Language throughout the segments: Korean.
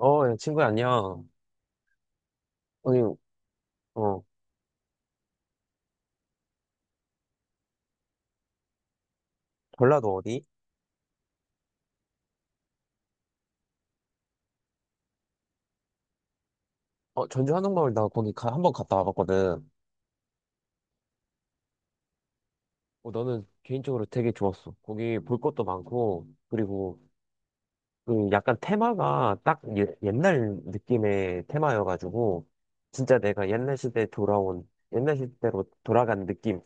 어, 야, 친구야, 안녕. 아니, 어, 전라도 어디? 어, 전주 한옥마을 나 거기 가, 한번 갔다 와봤거든. 어, 나는 개인적으로 되게 좋았어. 거기 볼 것도 많고, 그리고 그 약간 테마가 딱 예, 옛날 느낌의 테마여가지고, 진짜 내가 옛날 시대에 돌아온, 옛날 시대로 돌아간 느낌,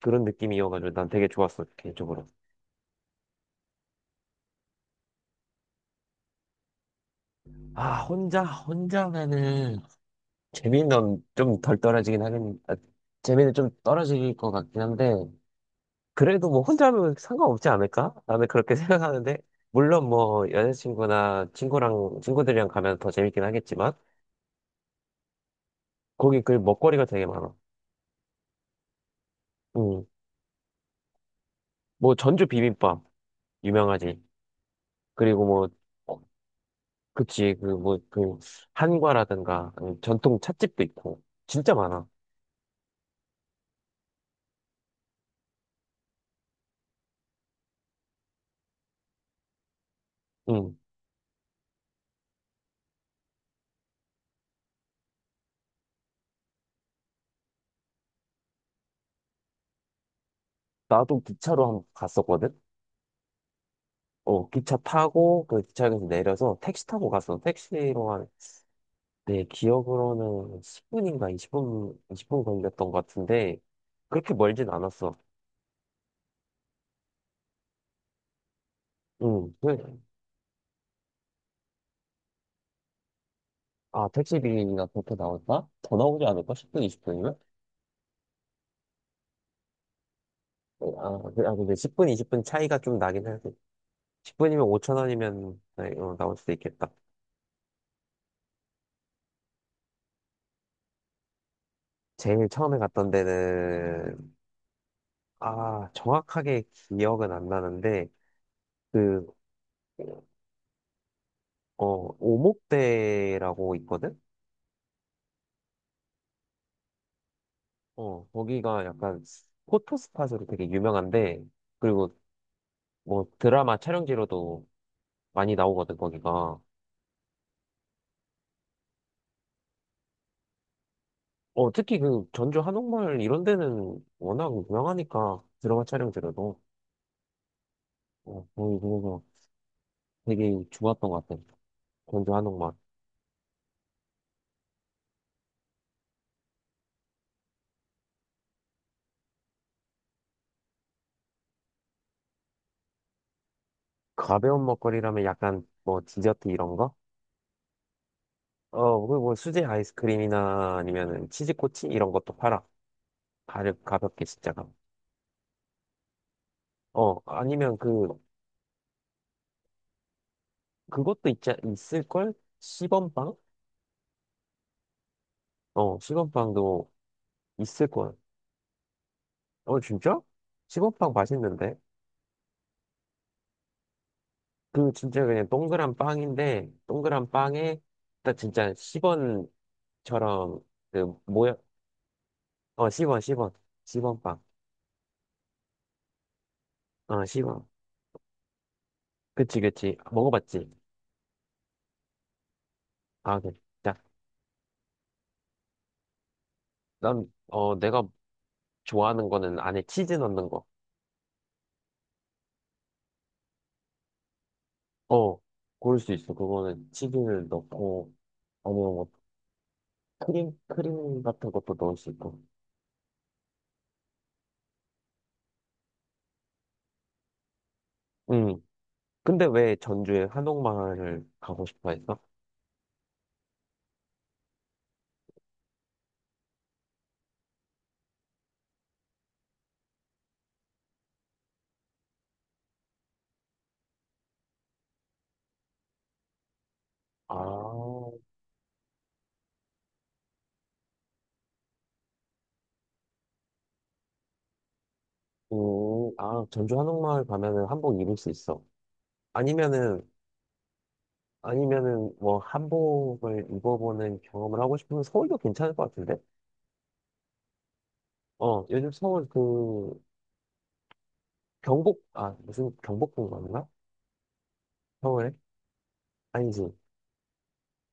그런 느낌이어가지고 난 되게 좋았어, 개인적으로. 아, 혼자면은, 재미는 좀 덜 떨어지긴 하겠, 아, 재미는 좀 떨어질 것 같긴 한데, 그래도 뭐 혼자 하면 상관없지 않을까? 나는 그렇게 생각하는데, 물론 뭐 여자친구나 친구들이랑 가면 더 재밌긴 하겠지만, 거기 그 먹거리가 되게 많아. 음, 뭐 전주 비빔밥, 유명하지. 그리고 뭐, 어, 그치, 그 뭐, 그 한과라든가, 아니면 전통 찻집도 있고, 진짜 많아. 음, 나도 기차로 한번 갔었거든? 어, 기차 타고, 그 기차역에서 내려서 택시 타고 갔어. 택시로 한 내 기억으로는 10분인가 20분 걸렸던 것 같은데, 그렇게 멀진 않았어. 응, 그, 아, 택시비가 그렇게 나올까? 더 나오지 않을까? 10분, 20분이면? 아, 근데 10분, 20분 차이가 좀 나긴 하지. 10분이면 5천 원이면 네, 어, 나올 수도 있겠다. 제일 처음에 갔던 데는, 아, 정확하게 기억은 안 나는데, 그, 어, 오목대라고 있거든? 어, 거기가 약간 포토 스팟으로 되게 유명한데, 그리고 뭐 드라마 촬영지로도 많이 나오거든, 거기가. 어, 특히 그 전주 한옥마을 이런 데는 워낙 유명하니까 드라마 촬영지로도. 어, 거기 그래서 되게 좋았던 것 같아. 전주 한옥마을. 가벼운 먹거리라면 약간 뭐 디저트 이런 거? 어, 그리고 뭐 수제 아이스크림이나 아니면은 치즈코치 이런 것도 팔아. 가볍게 진짜 가. 어, 아니면 그, 그것도 있자, 있을걸? 시범빵? 어, 시범빵도 있을걸. 어, 진짜? 시범빵 맛있는데? 그 진짜 그냥 동그란 빵인데 동그란 빵에 딱 진짜 10원처럼 그 모양 어 10원 10원 10원 빵. 어 10원. 그치 그치. 먹어봤지? 아 그래. 자, 난 어 내가 좋아하는 거는 안에 치즈 넣는 거. 어 고를 수 있어. 그거는 치즈를 넣고 아니면 뭐 크림 같은 것도 넣을 수 있고. 음. 근데 왜 전주에 한옥마을을 가고 싶어 했어? 아. 아, 전주 한옥마을 가면은 한복 입을 수 있어. 아니면은, 아니면은 뭐 한복을 입어보는 경험을 하고 싶으면 서울도 괜찮을 것 같은데? 어, 요즘 서울 그 경복, 아, 무슨 경복궁 맞나? 서울에? 아니지.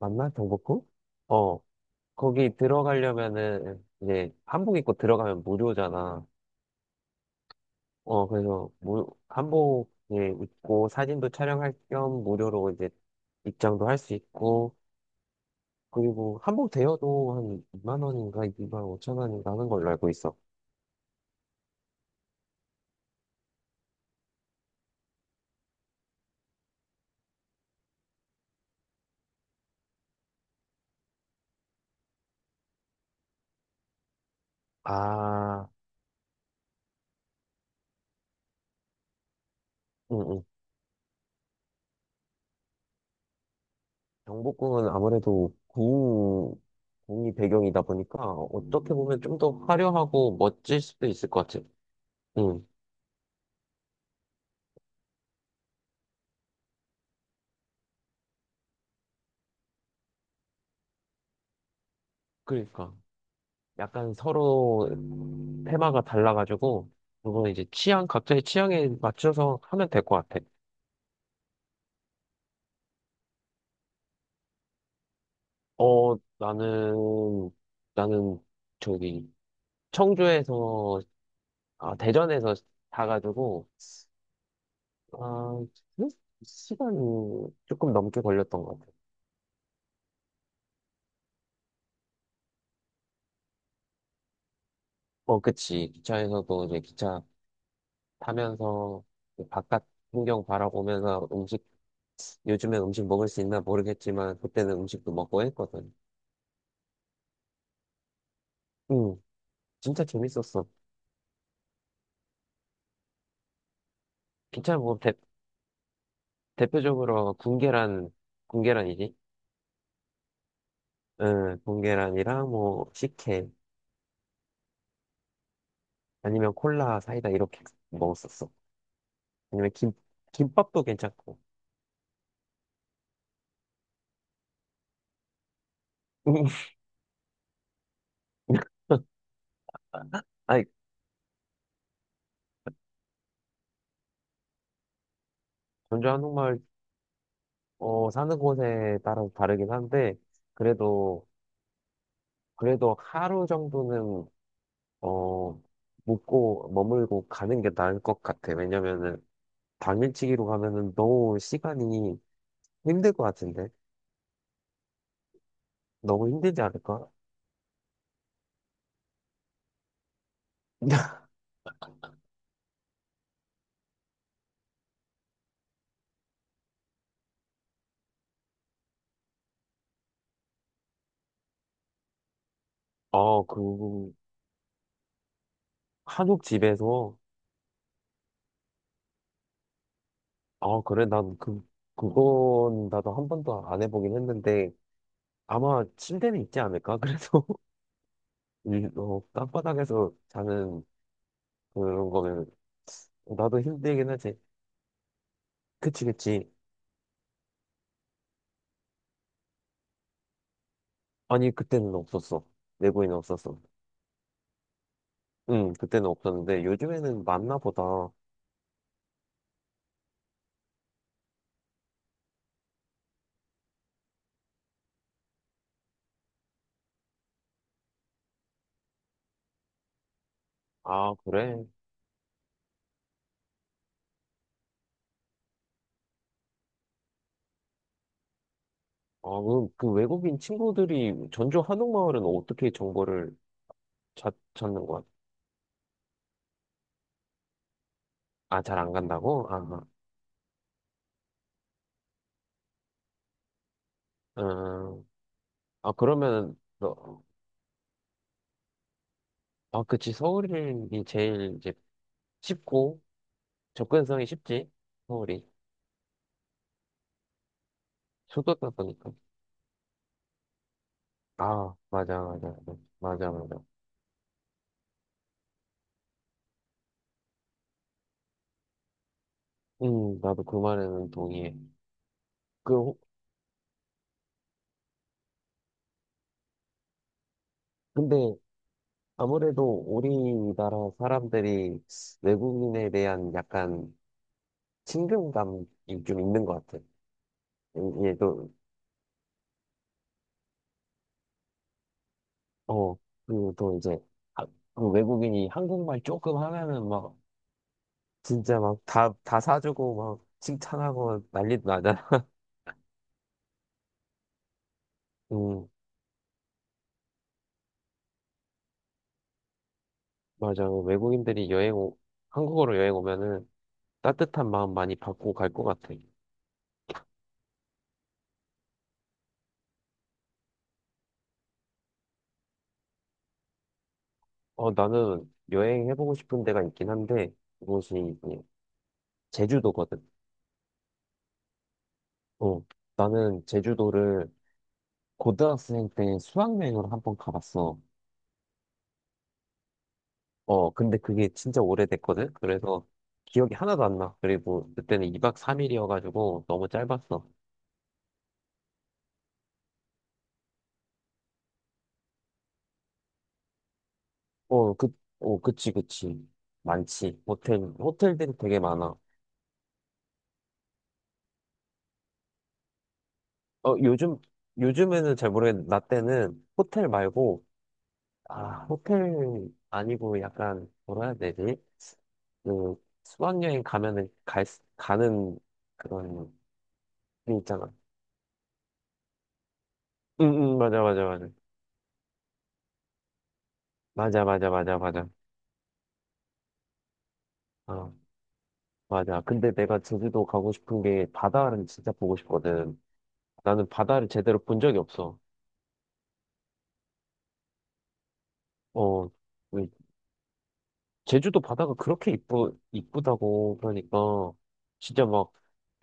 맞나? 경복궁? 어, 거기 들어가려면은 이제 한복 입고 들어가면 무료잖아. 어, 그래서 무, 한복 예, 입고 사진도 촬영할 겸 무료로 이제 입장도 할 수 있고, 그리고 한복 대여도 한 2만 원인가 2만 5천 원인가 하는 걸로 알고 있어. 아, 응, 응. 경복궁은 아무래도 궁, 궁이 배경이다 보니까 어떻게 보면 좀 더 화려하고 멋질 수도 있을 것 같아. 응, 그러니까. 약간 서로 테마가 달라가지고, 그거는 이제 취향, 각자의 취향에 맞춰서 하면 될 것 같아. 어, 나는 저기, 청주에서, 아, 대전에서 자가지고, 아, 그 시간이 조금 넘게 걸렸던 것 같아요. 어, 그치. 기차에서도 이제 기차 타면서 바깥 풍경 바라보면서 음식, 요즘엔 음식 먹을 수 있나 모르겠지만, 그때는 음식도 먹고 했거든. 응, 진짜 재밌었어. 기차 뭐 대표적으로 군계란, 군계란이지? 응, 군계란이랑 뭐 식혜, 아니면 콜라, 사이다 이렇게 먹었었어. 아니면 김밥도 괜찮고. 아니, 전주 한옥마을 어, 사는 곳에 따라서 다르긴 한데, 그래도, 그래도 하루 정도는, 어, 묵고, 머물고 가는 게 나을 것 같아. 왜냐면은, 당일치기로 가면은 너무 시간이 힘들 것 같은데? 너무 힘들지 않을까? 어, 그, 한옥 집에서, 어, 그래, 난 그, 그건 나도 한 번도 안 해보긴 했는데, 아마 침대는 있지 않을까? 그래서, 이, 어, 땅바닥에서 자는 그런 거는, 나도 힘들긴 하지. 그치, 그치. 아니, 그때는 없었어. 내부에는 없었어. 응, 그때는 없었는데, 요즘에는 많나 보다. 아, 그래? 아, 그, 그 외국인 친구들이 전주 한옥마을은 어떻게 정보를 찾는 거야? 아, 잘 안 간다고? 아, 아, 음, 아, 그러면, 너, 아, 그치. 서울이 제일 이제 쉽고, 접근성이 쉽지. 서울이. 수도다 보니까. 아, 맞아, 맞아, 맞아, 맞아. 맞아. 나도 그 말에는 동의해. 그, 호- 근데 아무래도 우리나라 사람들이 외국인에 대한 약간 친근감이 좀 있는 것 같아. 이게 또, 어, 그리고 또 이제, 아, 그 외국인이 한국말 조금 하면은 막, 진짜 막 다 사주고 막 칭찬하고 난리도 나잖아. 음, 맞아. 외국인들이 여행, 오, 한국으로 여행 오면은 따뜻한 마음 많이 받고 갈 것 같아. 어, 나는 여행해보고 싶은 데가 있긴 한데, 그곳이 이제 제주도거든. 어, 나는 제주도를 고등학생 때 수학여행으로 한번 가봤어. 어, 근데 그게 진짜 오래됐거든? 그래서 기억이 하나도 안 나. 그리고 그때는 2박 3일이어가지고 너무 짧았어. 어, 그, 어, 그치, 그치. 많지. 호텔들이 되게 많아. 어, 요즘에는 잘 모르겠는데, 나 때는 호텔 말고, 아, 호텔 아니고 약간, 뭐라 해야 되지? 그, 수학여행 가면은 갈, 수- 가는 그런 게 있잖아. 응, 응, 맞아, 맞아, 맞아. 맞아, 맞아, 맞아, 맞아. 어, 맞아. 근데 내가 제주도 가고 싶은 게 바다를 진짜 보고 싶거든. 나는 바다를 제대로 본 적이 없어. 어, 왜 제주도 바다가 그렇게 이쁘다고 그러니까 진짜 막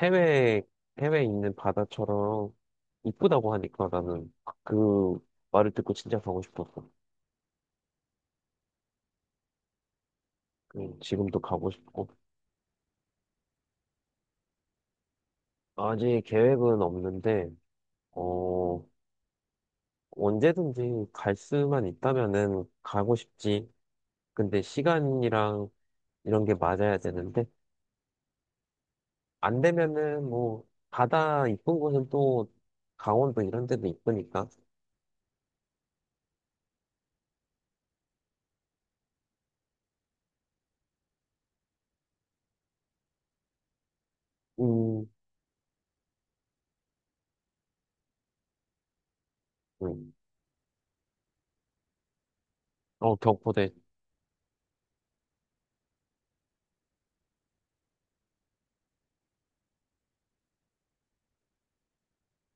해외, 해외에 있는 바다처럼 이쁘다고 하니까 나는 그 말을 듣고 진짜 가고 싶었어. 지금도 가고 싶고. 아직 계획은 없는데, 어, 언제든지 갈 수만 있다면은 가고 싶지. 근데 시간이랑 이런 게 맞아야 되는데, 안 되면은 뭐, 바다 이쁜 곳은 또 강원도 이런 데도 이쁘니까. 음, 음. 어, 경포대.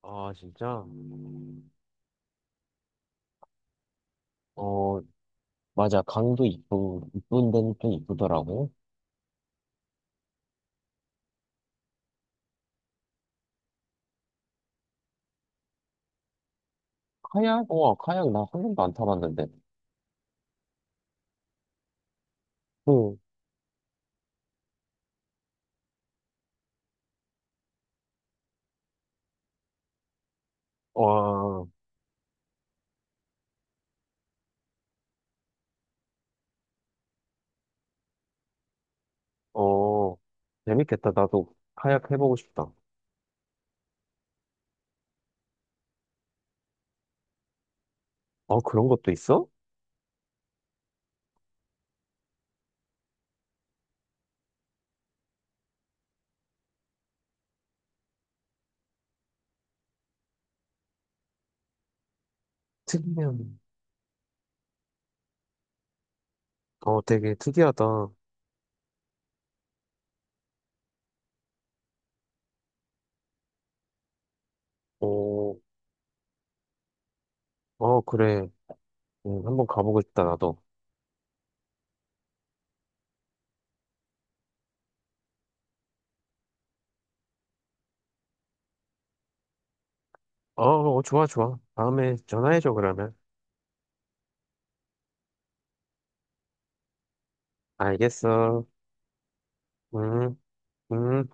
아, 진짜? 어, 맞아. 강도 이쁜 데는 또 이쁘더라고. 카약? 와, 카약 나 한 번도 안 타봤는데. 응. 와, 어, 재밌겠다. 나도 카약 해보고 싶다. 어, 그런 것도 있어? 특이한 어, 되게 특이하다. 어, 어, 그래. 한번 가보고 싶다, 나도. 어, 어, 좋아, 좋아. 다음에 전화해줘, 그러면. 알겠어. 음, 음.